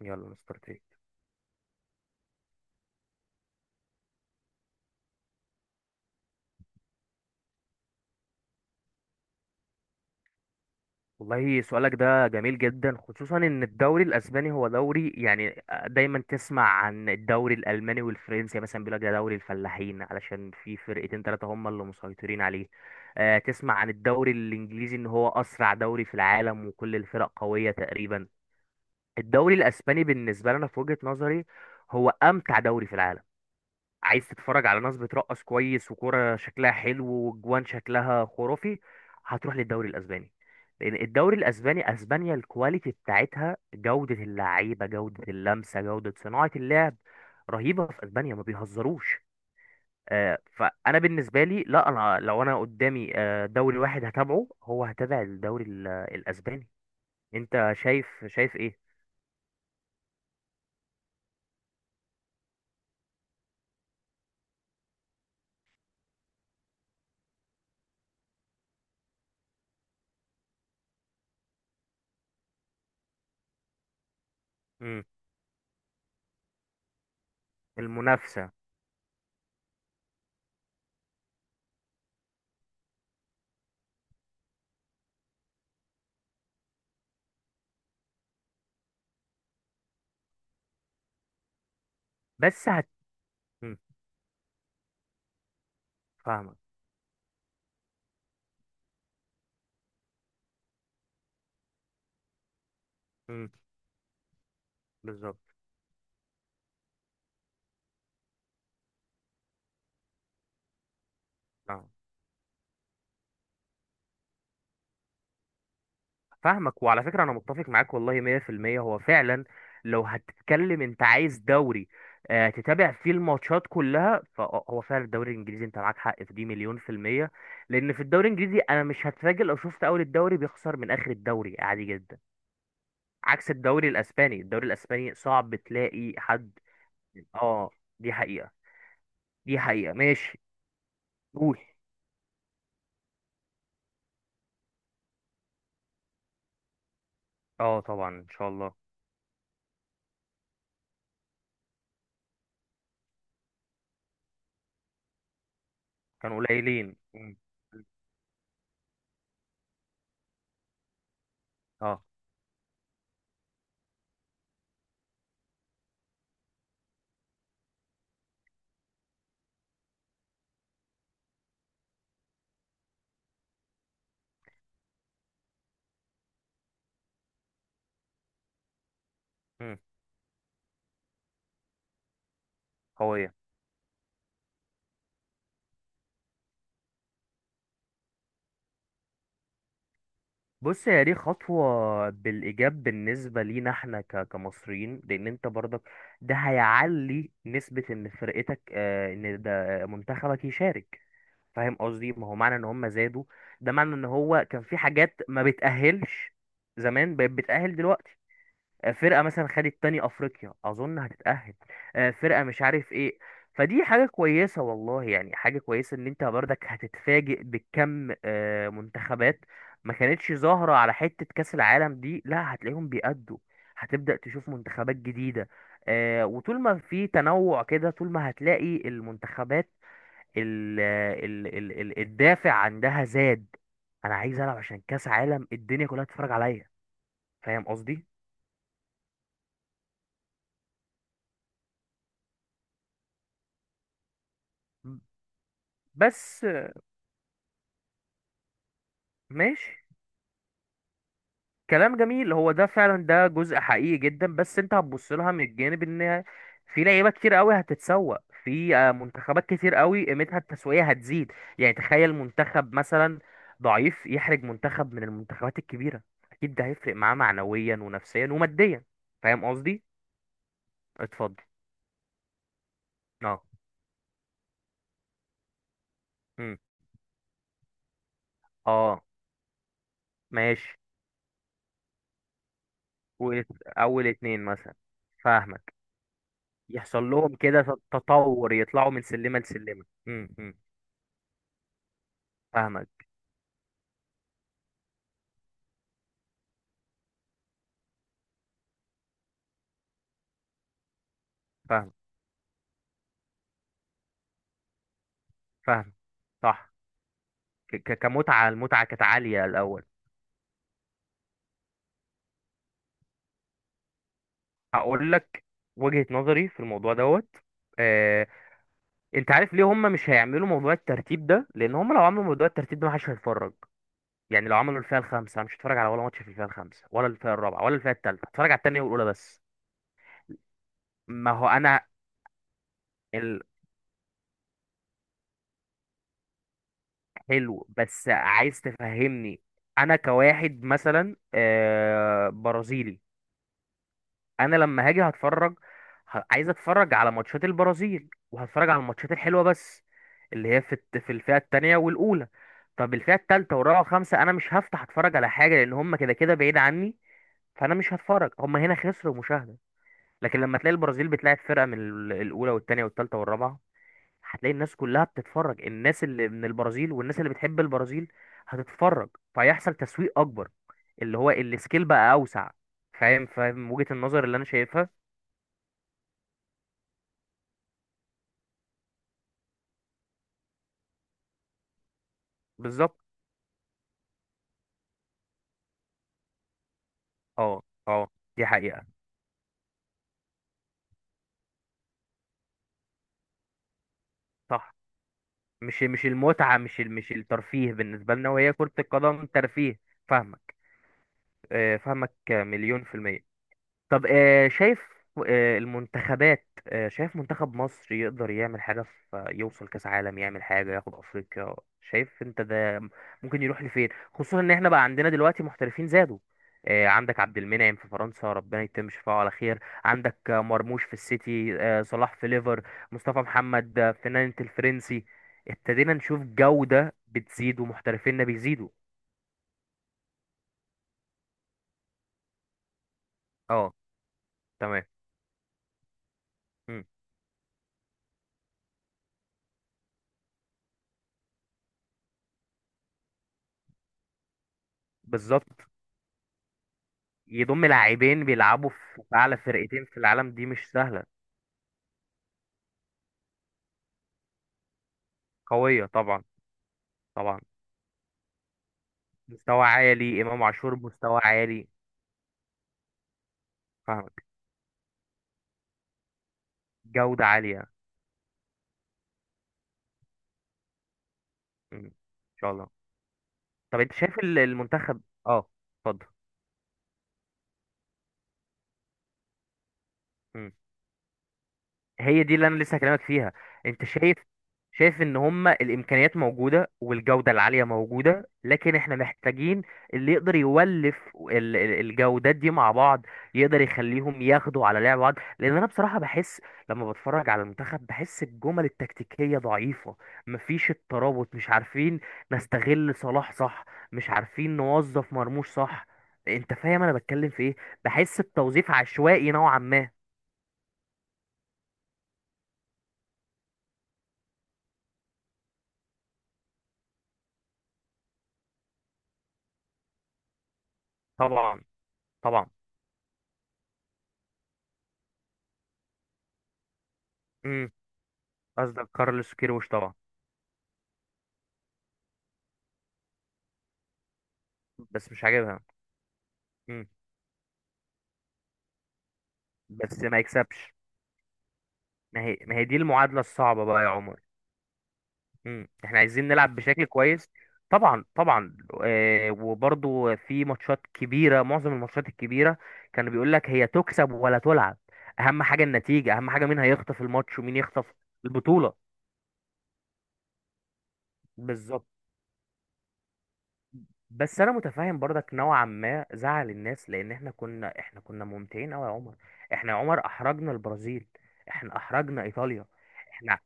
يلا مستر تريك. والله سؤالك ده جميل جدا، خصوصا ان الدوري الاسباني هو دوري يعني، دايما تسمع عن الدوري الالماني والفرنسي يعني، مثلا بيقول لك ده دوري الفلاحين علشان في فرقتين ثلاثه هم اللي مسيطرين عليه. تسمع عن الدوري الانجليزي ان هو اسرع دوري في العالم وكل الفرق قويه تقريبا. الدوري الاسباني بالنسبه لنا في وجهه نظري هو امتع دوري في العالم. عايز تتفرج على ناس بترقص كويس وكرة شكلها حلو وجوان شكلها خرافي، هتروح للدوري الاسباني. لان الدوري الاسباني، اسبانيا، الكواليتي بتاعتها، جودة اللعيبة، جودة اللمسة، جودة صناعة اللعب رهيبة. في اسبانيا ما بيهزروش. فانا بالنسبة لي، لا، انا لو انا قدامي دوري واحد هتابعه، هو هتابع الدوري الاسباني. انت شايف، ايه؟ مم. المنافسة. بس هت مم. فاهمك. مم. بالظبط. آه. فاهمك، وعلى فكرة أنا متفق معاك والله 100%. هو فعلا لو هتتكلم أنت عايز دوري تتابع فيه الماتشات كلها، فهو فعلا الدوري الإنجليزي. أنت معاك حق في دي مليون في المية. لأن في الدوري الإنجليزي أنا مش هتفاجئ لو شفت أول الدوري بيخسر من آخر الدوري، عادي جدا. عكس الدوري الأسباني، الدوري الأسباني صعب تلاقي حد. آه. دي حقيقة. دي حقيقة، ماشي. قول. آه، طبعا إن شاء الله. كانوا قليلين. مم. آه. مم. قوية. بص، هي دي خطوة بالإيجاب بالنسبة لينا احنا كمصريين، لأن انت برضك ده هيعلي نسبة إن فرقتك إن ده منتخبك يشارك. فاهم قصدي؟ ما هو معنى إن هم زادوا، ده معنى إن هو كان في حاجات ما بتأهلش زمان بقت بتأهل دلوقتي. فرقه مثلا خدت تاني افريقيا اظن هتتاهل، فرقه مش عارف ايه. فدي حاجه كويسه والله، يعني حاجه كويسه ان انت برضك هتتفاجئ بكم منتخبات ما كانتش ظاهره على حته كاس العالم دي، لا، هتلاقيهم بيأدوا. هتبدأ تشوف منتخبات جديده، وطول ما في تنوع كده، طول ما هتلاقي المنتخبات ال ال ال ال الدافع عندها زاد. انا عايز العب عشان كاس عالم الدنيا كلها تتفرج عليا. فاهم قصدي. بس. ماشي. كلام جميل، هو ده فعلا، ده جزء حقيقي جدا، بس انت هتبص لها من الجانب ان في لعيبه كتير قوي هتتسوق، في منتخبات كتير قوي قيمتها التسويقيه هتزيد. يعني تخيل منتخب مثلا ضعيف يحرج منتخب من المنتخبات الكبيره، اكيد ده هيفرق معاه معنويا ونفسيا وماديا. فاهم قصدي. اتفضل. اه. امم اه. ماشي. واول اتنين مثلا. فاهمك. يحصل لهم كده تطور، يطلعوا من سلمه لسلمه. فاهمك فاهمك فاهم. صح. ك- ك- كمتعة المتعة كانت عالية الأول. هقول لك وجهة نظري في الموضوع دوت. آه، انت عارف ليه هم مش هيعملوا موضوع الترتيب ده؟ لان هم لو عملوا موضوع الترتيب ده محدش هيتفرج. يعني لو عملوا الفئة الخامسة، أنا مش هتفرج على ولا ماتش في الفئة الخامسة ولا الفئة الرابعة ولا الفئة التالتة، هتفرج على التانية والأولى بس. ما هو انا، الحلو بس عايز تفهمني. انا كواحد مثلا برازيلي، انا لما هاجي هتفرج، عايز اتفرج على ماتشات البرازيل وهتفرج على الماتشات الحلوه بس، اللي هي في في الفئه الثانيه والاولى. طب الفئه الثالثه والرابعه والخامسه انا مش هفتح اتفرج على حاجه، لان هم كده كده بعيد عني، فانا مش هتفرج، هم هنا خسروا مشاهده. لكن لما تلاقي البرازيل بتلاعب فرقه من الاولى والثانيه والثالثه والرابعه، هتلاقي الناس كلها بتتفرج، الناس اللي من البرازيل والناس اللي بتحب البرازيل هتتفرج، فيحصل تسويق اكبر، اللي هو السكيل بقى اوسع. فاهم وجهة النظر اللي انا شايفها. بالظبط. اه. اه. دي حقيقة. صح. مش، المتعة، مش الترفيه بالنسبة لنا وهي كرة القدم ترفيه. فاهمك. فاهمك مليون في المية. طب شايف، المنتخبات شايف منتخب مصر يقدر يعمل حاجة في، يوصل كأس عالم، يعمل حاجة ياخد أفريقيا؟ شايف انت ده ممكن يروح لفين؟ خصوصا ان احنا بقى عندنا دلوقتي محترفين زادوا، عندك عبد المنعم في فرنسا، ربنا يتم شفاعه على خير، عندك مرموش في السيتي، صلاح في ليفر، مصطفى محمد في نانت الفرنسي. ابتدينا نشوف جودة بتزيد ومحترفيننا بيزيدوا. اه. تمام. مم،. بالظبط. يضم لاعبين بيلعبوا في أعلى فرقتين في العالم، دي مش سهلة. قوية طبعا. طبعا. مستوى عالي، إمام عاشور مستوى عالي. فاهمك. جودة عالية. مم. إن شاء الله. طب أنت شايف المنتخب. أه. اتفضل. هي دي اللي انا لسه هكلمك فيها. انت شايف. ان هما الامكانيات موجوده والجوده العاليه موجوده، لكن احنا محتاجين اللي يقدر يولف الجودات دي مع بعض، يقدر يخليهم ياخدوا على لعب بعض، لان انا بصراحه بحس لما بتفرج على المنتخب، بحس الجمل التكتيكيه ضعيفه، مفيش الترابط، مش عارفين نستغل صلاح، صح، مش عارفين نوظف مرموش، صح. انت فاهم انا بتكلم في ايه؟ بحس التوظيف عشوائي نوعا ما. طبعا. طبعا. قصدك كارلوس كيروش، طبعا. بس مش عاجبها. مم. بس ما يكسبش. ما هي، دي المعادلة الصعبة بقى يا عمر. مم. احنا عايزين نلعب بشكل كويس. طبعا، طبعا. آه، وبرضو في ماتشات كبيرة، معظم الماتشات الكبيرة كانوا بيقول لك هي تكسب ولا تلعب، اهم حاجة النتيجة، اهم حاجة مين هيخطف الماتش ومين يخطف البطولة. بالظبط. بس انا متفاهم برضك نوعا ما زعل الناس، لان احنا كنا ممتعين قوي يا عمر. احنا يا عمر احرجنا البرازيل. احنا احرجنا ايطاليا. احنا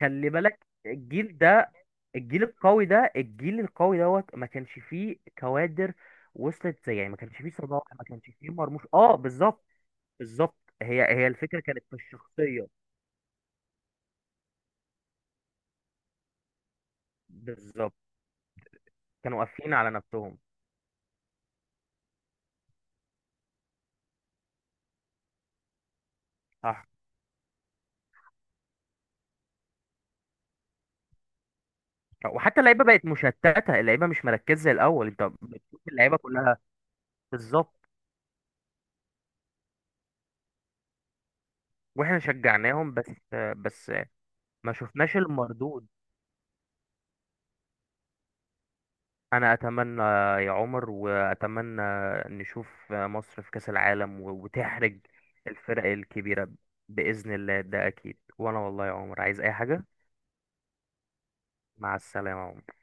خلي بالك الجيل ده، الجيل القوي ده، الجيل القوي دوت، ما كانش فيه كوادر وصلت زي، يعني ما كانش فيه صلاح، ما كانش فيه مرموش. اه، بالظبط. بالظبط. هي الفكره كانت في الشخصيه. بالظبط. كانوا قافلين على نفسهم. صح. وحتى اللعيبه بقت مشتته، اللعيبه مش مركزه زي الاول، انت بتشوف اللعيبه كلها. بالظبط. واحنا شجعناهم بس. بس ما شفناش المردود. انا اتمنى يا عمر، واتمنى نشوف مصر في كأس العالم وتحرج الفرق الكبيرة. باذن الله ده اكيد، وانا والله يا عمر عايز اي حاجة. مع السلامة يا عمر.